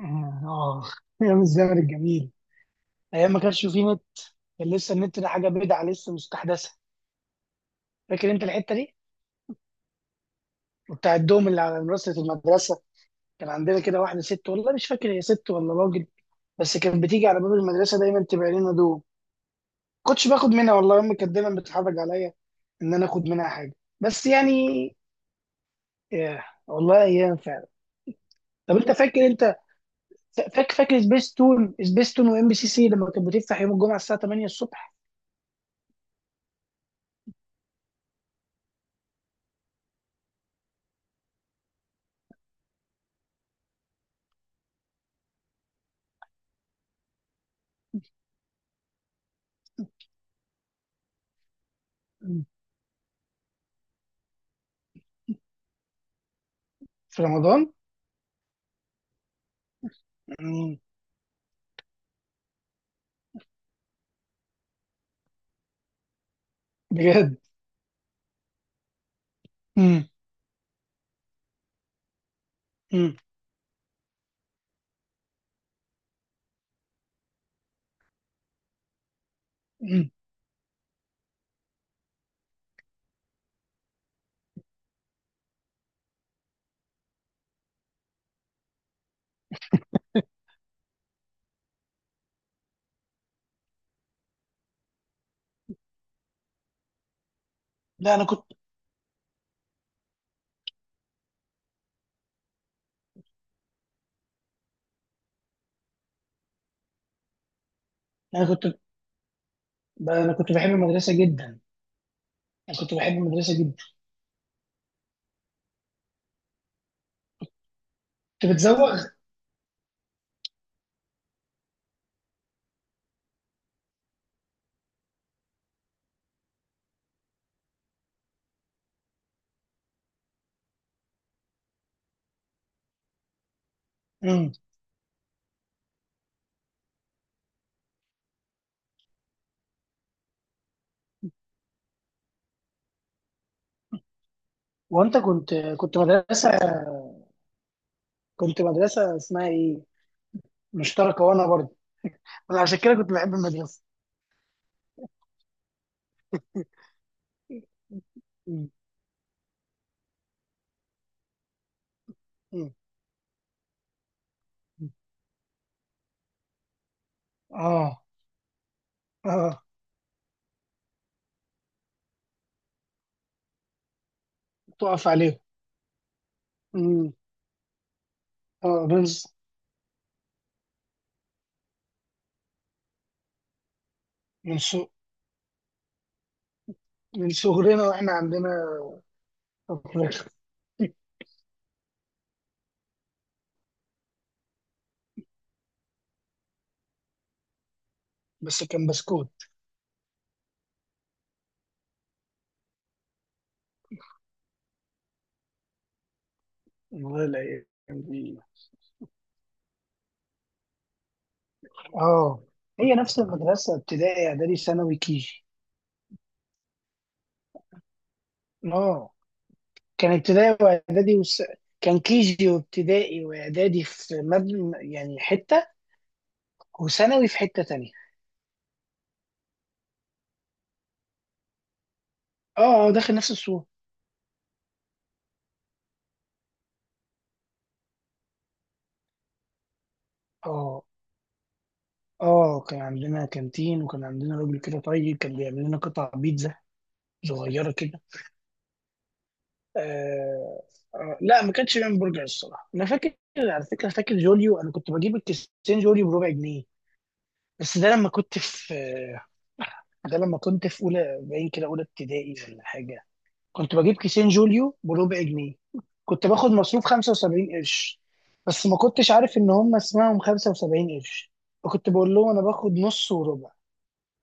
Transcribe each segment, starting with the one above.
آه، آه. أيام الزمن الجميل. أيام ما كانش فيه نت، كان لسه النت ده حاجة بدعة لسه مستحدثة. فاكر أنت الحتة دي؟ وبتاع الدوم اللي على منصة المدرسة، كان عندنا كده واحدة ست، والله مش فاكر هي ست ولا راجل، بس كانت بتيجي على باب المدرسة دايما تبيع لنا دوم. كنتش باخد منها، والله أمي كانت دايما بتتحرج عليا إن أنا آخد منها حاجة. بس يعني، ياه والله أيام فعلا. طب أنت فاكر أنت فاكر فاكر سبيس تون سبيس تون وإم بي سي سي لما كانت بتفتح يوم الجمعة الساعة 8 الصبح في رمضان؟ بجد؟ مم. مم. مم. لا، انا كنت انا كنت بحب المدرسه جدا، انا كنت بحب المدرسه جدا، كنت بتزوغ. مم. وانت كنت مدرسه اسمها ايه؟ مشتركه، وانا برضه، انا عشان كده كنت بحب المدرسه. مم. مم. اه، اه. تقف عليهم. مم. اه، من سو... من صغرنا واحنا عندنا أطفال. بس كان بسكوت. والله؟ لا. اه، هي نفس المدرسة ابتدائي اعدادي ثانوي كيجي. اه، كان ابتدائي واعدادي وس... كان كيجي وابتدائي واعدادي في مبنى يعني حتة، وثانوي في حتة تانية. اه، اه، داخل نفس السور. اه. اه، كان عندنا كانتين، وكان عندنا راجل كده طيب كان بيعمل لنا قطع بيتزا صغيرة كده. آه. آه، لا ما كانش بيعمل برجر الصراحة. انا فاكر، على فكرة، فاكر جوليو، انا كنت بجيب الكيسين جوليو بربع جنيه. بس ده لما كنت في اولى باين كده، اولى ابتدائي ولا حاجه. كنت بجيب كيسين جوليو بربع جنيه. كنت باخد مصروف 75 قرش، بس ما كنتش عارف ان هم اسمهم 75 قرش، فكنت بقول لهم انا باخد نص وربع،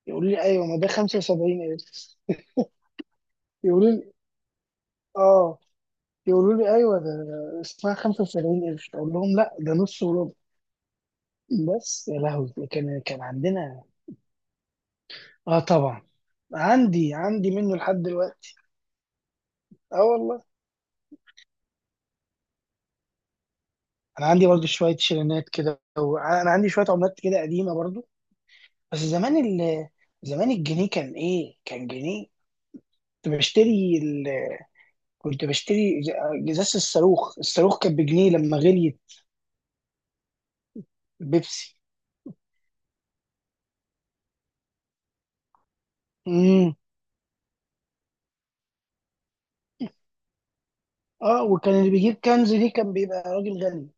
يقولوا لي ايوه ما ده 75 قرش. يقولوا لي اه، يقولوا لي ايوه ده اسمها 75 قرش، اقول لهم لا ده نص وربع. بس يا لهوي، كان عندنا. اه طبعا. عندي منه لحد دلوقتي. اه والله. انا عندي برضو شويه شيرينات كده، وانا عندي شويه عملات كده قديمه برضو. بس زمان الجنيه كان ايه، كان جنيه. كنت بشتري ال... كنت بشتري ج- ازازه الصاروخ. الصاروخ كان بجنيه لما غليت البيبسي. امم. اه، وكان اللي بيجيب كنز دي كان بيبقى راجل غني.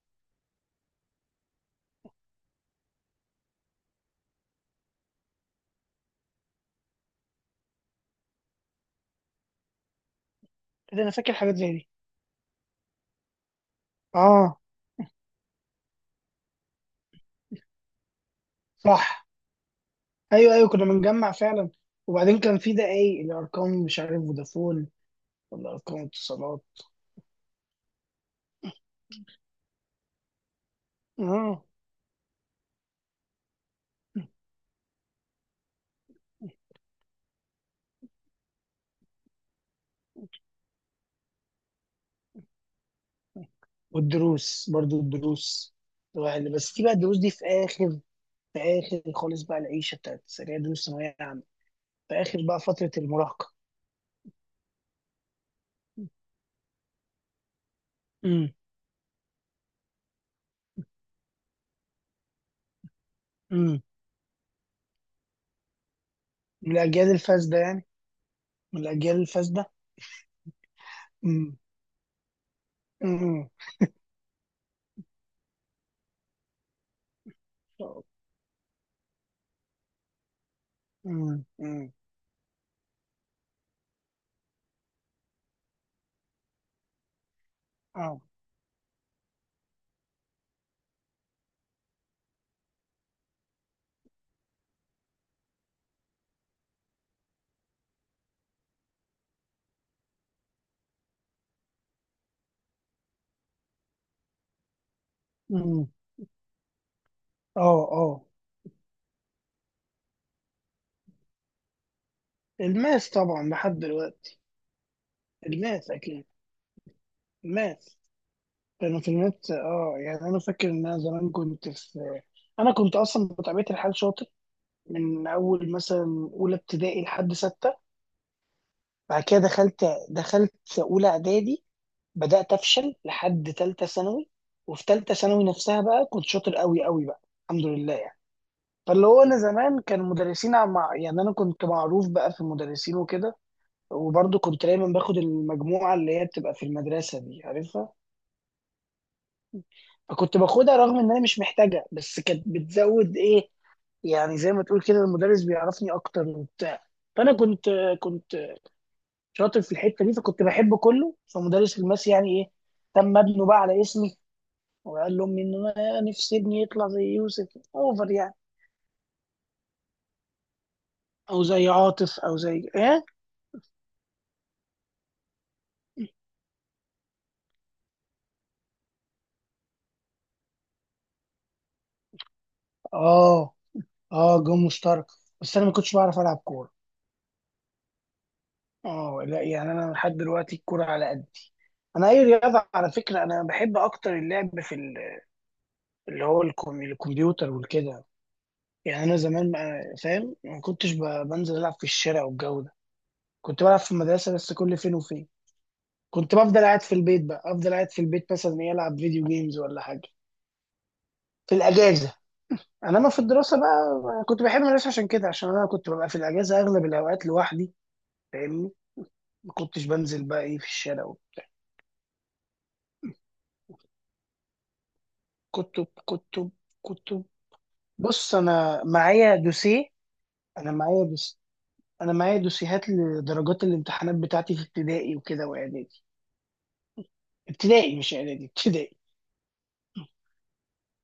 كده انا فاكر حاجات زي دي. اه. صح. ايوه، ايوه، كنا بنجمع فعلا. وبعدين كان في ده ايه، الارقام مش عارف، فودافون ولا ارقام اتصالات. اه. والدروس برضو الدروس، الواحد بس دي بقى الدروس دي في اخر خالص بقى، العيشه بتاعت السريع، دروس ثانويه عامه، في اخر بقى فتره المراهقه. امم. امم. من الاجيال الفاسده يعني. من الاجيال الفاسده. امم. امم. امم. امم. اه. امم. اه. اه. الماس طبعا لحد دلوقتي. الماس اكيد. الماس. كانوا في الماس، اه، يعني انا فاكر ان انا زمان كنت في. انا كنت اصلا بطبيعه الحال شاطر، من اول مثلا اولى ابتدائي لحد سته. بعد كده دخلت اولى اعدادي، بدات افشل لحد ثالثه ثانوي. وفي ثالثه ثانوي نفسها بقى كنت شاطر قوي قوي بقى، الحمد لله يعني. فاللي هو انا زمان كان مدرسين مع، يعني انا كنت معروف بقى في المدرسين وكده. وبرضه كنت دايما باخد المجموعه اللي هي بتبقى في المدرسه دي عارفها، فكنت باخدها رغم ان انا مش محتاجها، بس كانت بتزود ايه، يعني زي ما تقول كده المدرس بيعرفني اكتر وبتاع. فانا كنت شاطر في الحته دي، فكنت بحب كله، فمدرس الماس يعني ايه، تم ابنه بقى على اسمي، وقال لهم ان أنا نفسي ابني يطلع زي يوسف، اوفر يعني، او زي عاطف او زي ايه. اه. اه، جون مشترك. بس انا ما كنتش بعرف العب كوره. اه لا، يعني انا لحد دلوقتي الكوره على قد. انا اي رياضه على فكره، انا بحب اكتر اللعب في الكمبيوتر والكده يعني. انا زمان فاهم، ما كنتش بنزل العب في الشارع والجو ده. كنت بلعب في المدرسه بس كل فين وفين. كنت بفضل قاعد في البيت بقى، افضل قاعد في البيت مثلا يلعب فيديو جيمز ولا حاجه في الاجازه. انما في الدراسه بقى كنت بحب المدرسه عشان كده، عشان انا كنت ببقى في الاجازه اغلب الاوقات لوحدي، فاهمني، ما كنتش بنزل بقى ايه في الشارع وبتاع. كتب. كتب. كتب. بص، انا معايا دوس انا معايا دوسيهات لدرجات الامتحانات بتاعتي في ابتدائي وكده واعدادي. ابتدائي، مش اعدادي، ابتدائي.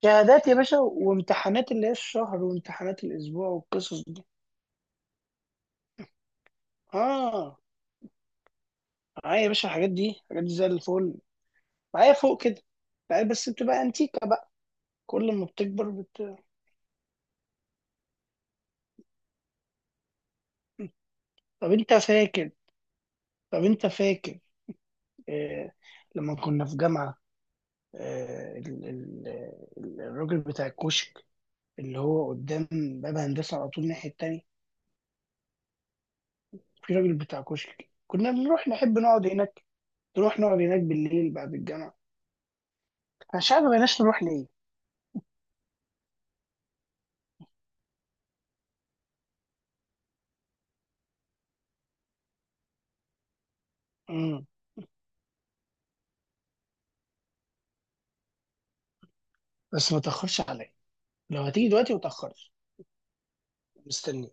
شهادات يا باشا، وامتحانات اللي هي الشهر، وامتحانات الاسبوع والقصص دي. اه، معايا يا باشا، الحاجات دي، الحاجات دي زي الفل، معايا فوق كده. معايا بس بتبقى انتيكة بقى، كل ما بتكبر بت... طب انت فاكر طب انت فاكر، آه... لما كنا في جامعة، آه... ال... ال... الراجل بتاع الكشك، اللي هو قدام باب هندسة على طول الناحية التانية. في راجل بتاع كشك كنا بنروح نحب نقعد هناك، نروح نقعد هناك بالليل بعد الجامعة. انا مش عارف ما بقيناش نروح ليه. مم. بس ما تأخرش عليا، لو هتيجي دلوقتي ما تأخرش. مستني.